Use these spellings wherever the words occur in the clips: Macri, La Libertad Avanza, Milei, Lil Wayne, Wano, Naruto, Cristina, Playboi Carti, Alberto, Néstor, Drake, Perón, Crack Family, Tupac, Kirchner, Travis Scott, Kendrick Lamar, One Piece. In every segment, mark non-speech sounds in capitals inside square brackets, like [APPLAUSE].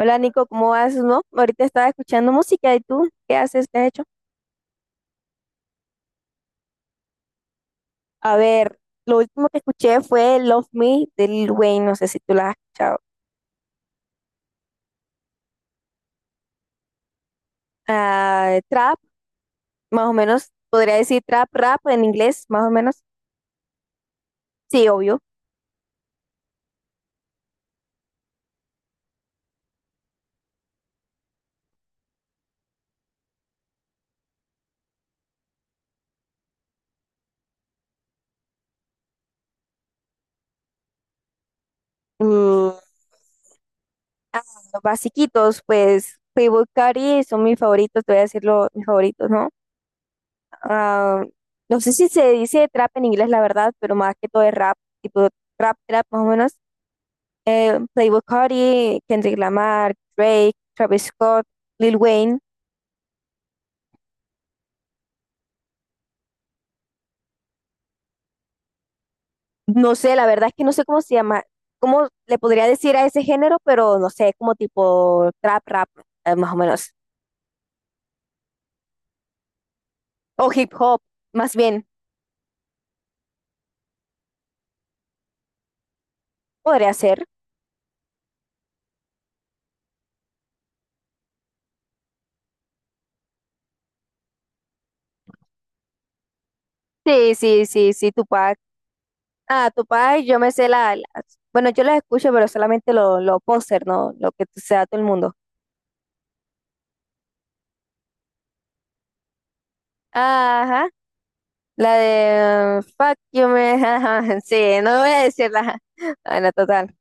Hola Nico, ¿cómo vas? ¿No? Ahorita estaba escuchando música, y tú, ¿qué haces? ¿Qué has hecho? A ver, lo último que escuché fue Love Me de Lil Wayne, no sé si tú la has escuchado. Ah, trap, más o menos, podría decir trap, rap en inglés, más o menos. Sí, obvio. Mm, ah, los basiquitos, pues Playboi Carti son mis favoritos, te voy a decir los mis favoritos, ¿no? Ah, no sé si se dice trap en inglés, la verdad, pero más que todo es rap, tipo rap, trap, más o menos. Playboi Carti, Kendrick Lamar, Drake, Travis Scott, Lil Wayne. No sé, la verdad es que no sé cómo se llama, cómo le podría decir a ese género, pero no sé, como tipo trap, rap, más o menos. O hip hop, más bien, podría ser. Sí, sí, sí, sí, Tupac. Ah, Tupac, yo me sé la, bueno, yo las escucho, pero solamente lo póster, ¿no? Lo que se da todo el mundo. Ajá, la de Fuck You Man. [LAUGHS] Ajá, sí, no voy a decirla. Bueno, total.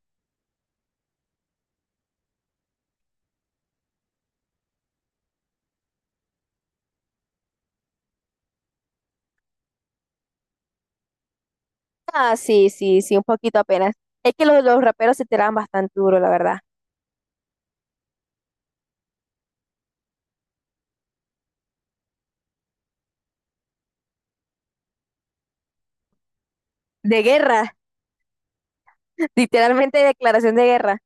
Ah, sí, sí, sí, un poquito apenas. Es que los raperos se tiraban bastante duro, la verdad. De guerra, [LAUGHS] literalmente declaración de guerra.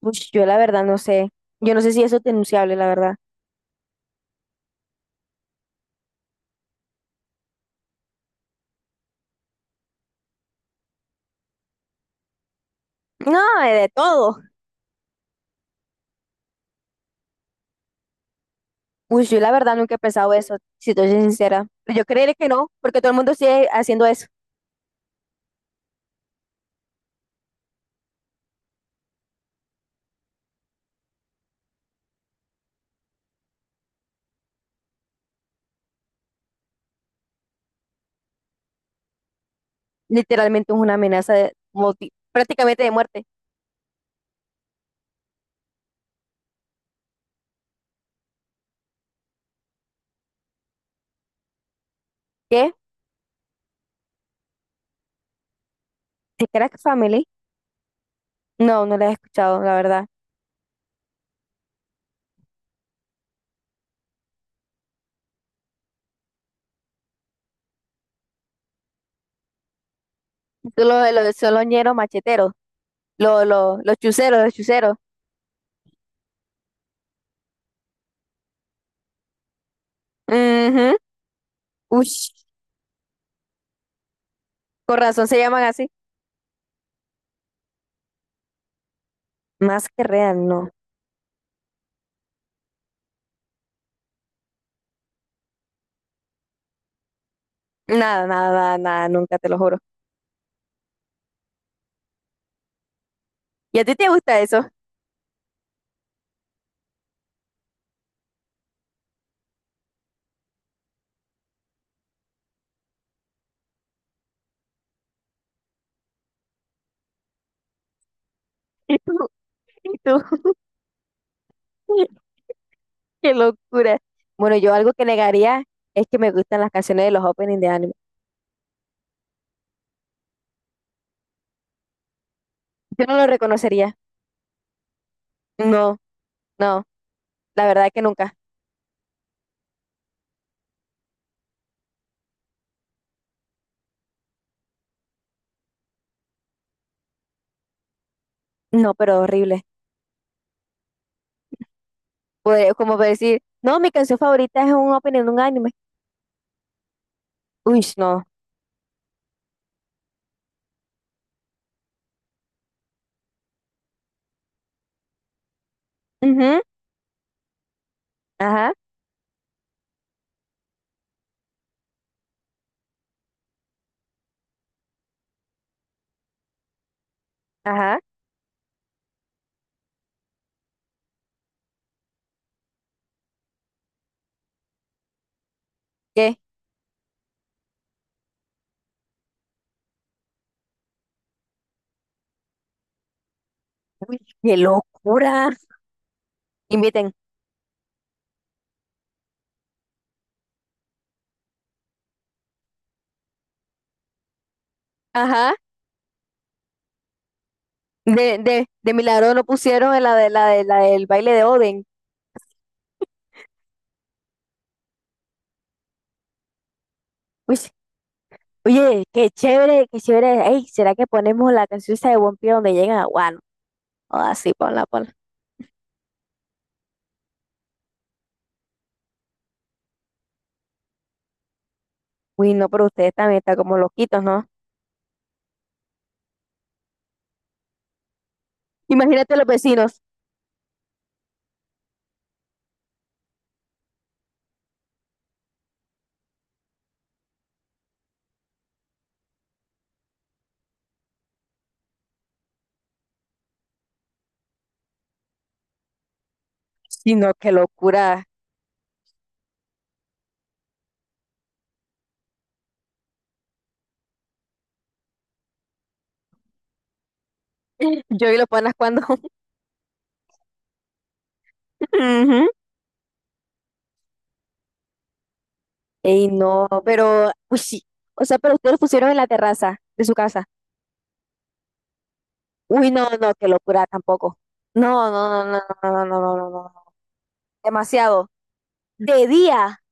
Uy, yo la verdad no sé. Yo no sé si eso es denunciable, la verdad. No, de todo. Uy, yo la verdad nunca he pensado eso, si te soy sincera. Yo creeré que no, porque todo el mundo sigue haciendo eso. Literalmente es una amenaza de prácticamente de muerte. ¿Qué? ¿De Crack Family? No, no la he escuchado, la verdad. Son los, son los ñeros macheteros, los chuceros, los chuceros. Ujú. Uy, con razón se llaman así. Más que real, no. Nada, nada, nada, nada, nunca te lo juro. ¿Y a ti te gusta eso? [LAUGHS] ¿Y tú? ¿Y tú? [LAUGHS] Qué locura. Bueno, yo algo que negaría es que me gustan las canciones de los openings de anime. Yo no lo reconocería. No, no, la verdad que nunca. No, pero horrible. Como para decir, no, mi canción favorita es un opening de un anime. Uy, no. Ujú. Ajá, ajá. ¿Qué? Uy, qué locura. Inviten. Ajá. De milagro no pusieron en la de la de la del baile de Oden. Uy, sí. Oye, qué chévere, qué chévere. Ey, ¿será que ponemos la canción esa de One Piece donde llegan a Wano? Ah, sí, ponla, ponla. Uy, no, pero ustedes también están como loquitos, ¿no? Imagínate los vecinos. Sino qué locura. [LAUGHS] Yo y los panas cuando. [LAUGHS] Ujú. Ey, no, pero, uy, sí. O sea, pero ustedes lo pusieron en la terraza de su casa. Uy, no, no, qué locura tampoco. No, no, no, no, no, no, no, no, no, no. Demasiado. De día.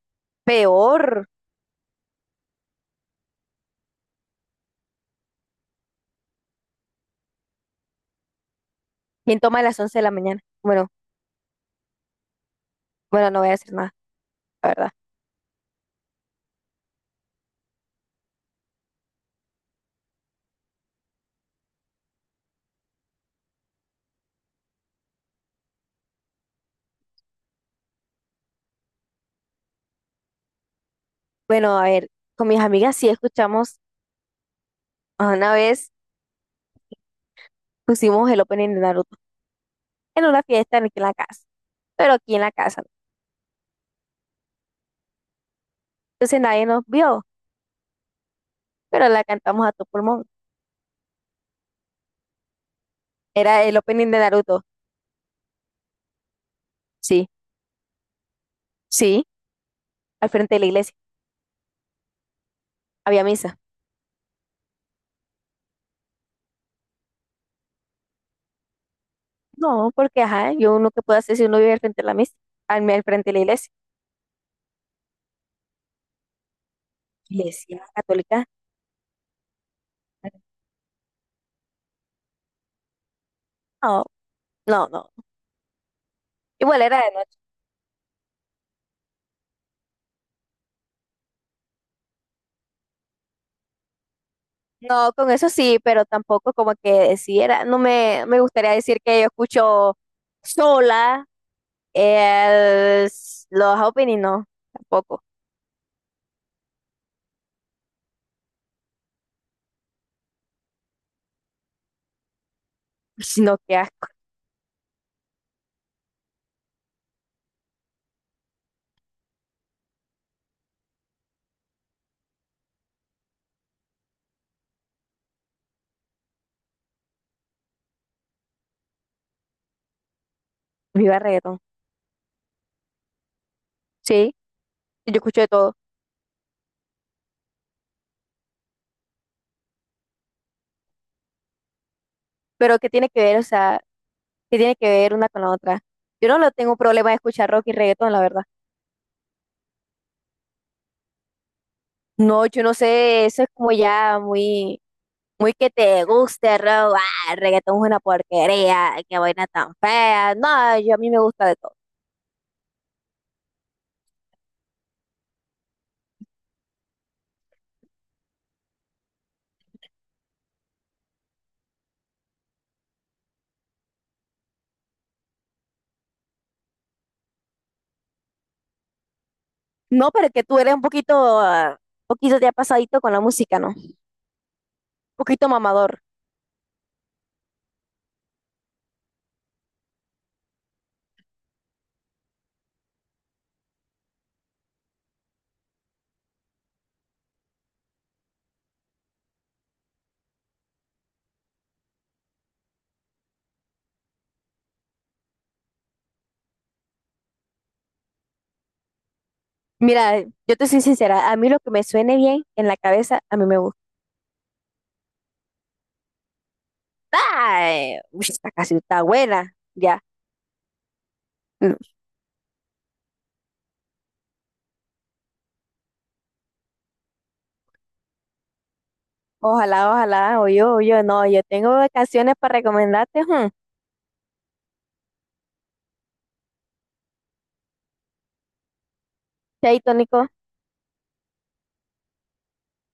Peor. ¿Quién toma a las 11 de la mañana? Bueno, bueno, no voy a decir nada, la verdad. Bueno, a ver, con mis amigas sí escuchamos, a una vez pusimos el opening de Naruto en una fiesta en aquí en la casa, pero aquí en la casa. ¿No? Entonces nadie nos vio, pero la cantamos a tu pulmón. Era el opening de Naruto, sí, sí, al frente de la iglesia. Había misa. No, porque ajá, yo uno que puedo hacer si uno vive al frente de la misa, al, al frente de la iglesia. Iglesia católica. No, no, no. Igual era de noche. No, con eso sí, pero tampoco como que decidiera, no me, me gustaría decir que yo escucho sola los opening, no, tampoco, [LAUGHS] sino que asco, [LAUGHS] viva reggaetón, sí, yo escucho de todo, pero ¿qué tiene que ver, o sea, qué tiene que ver una con la otra? Yo no lo tengo problema de escuchar rock y reggaetón, la verdad, no, yo no sé, eso es como ya muy, muy que te guste, rock, ah, el reggaetón es una porquería, que vaina tan fea, no, yo a mí me gusta de todo. No, pero que tú eres un poquito, poquito ya pasadito con la música, ¿no? Un poquito mamador. Mira, yo te soy sincera, a mí lo que me suene bien en la cabeza, a mí me gusta. Ay, uy, esta canción está buena, ya. Mm. Ojalá, ojalá, no, yo tengo canciones para recomendarte, hmm. Chaito, Nico.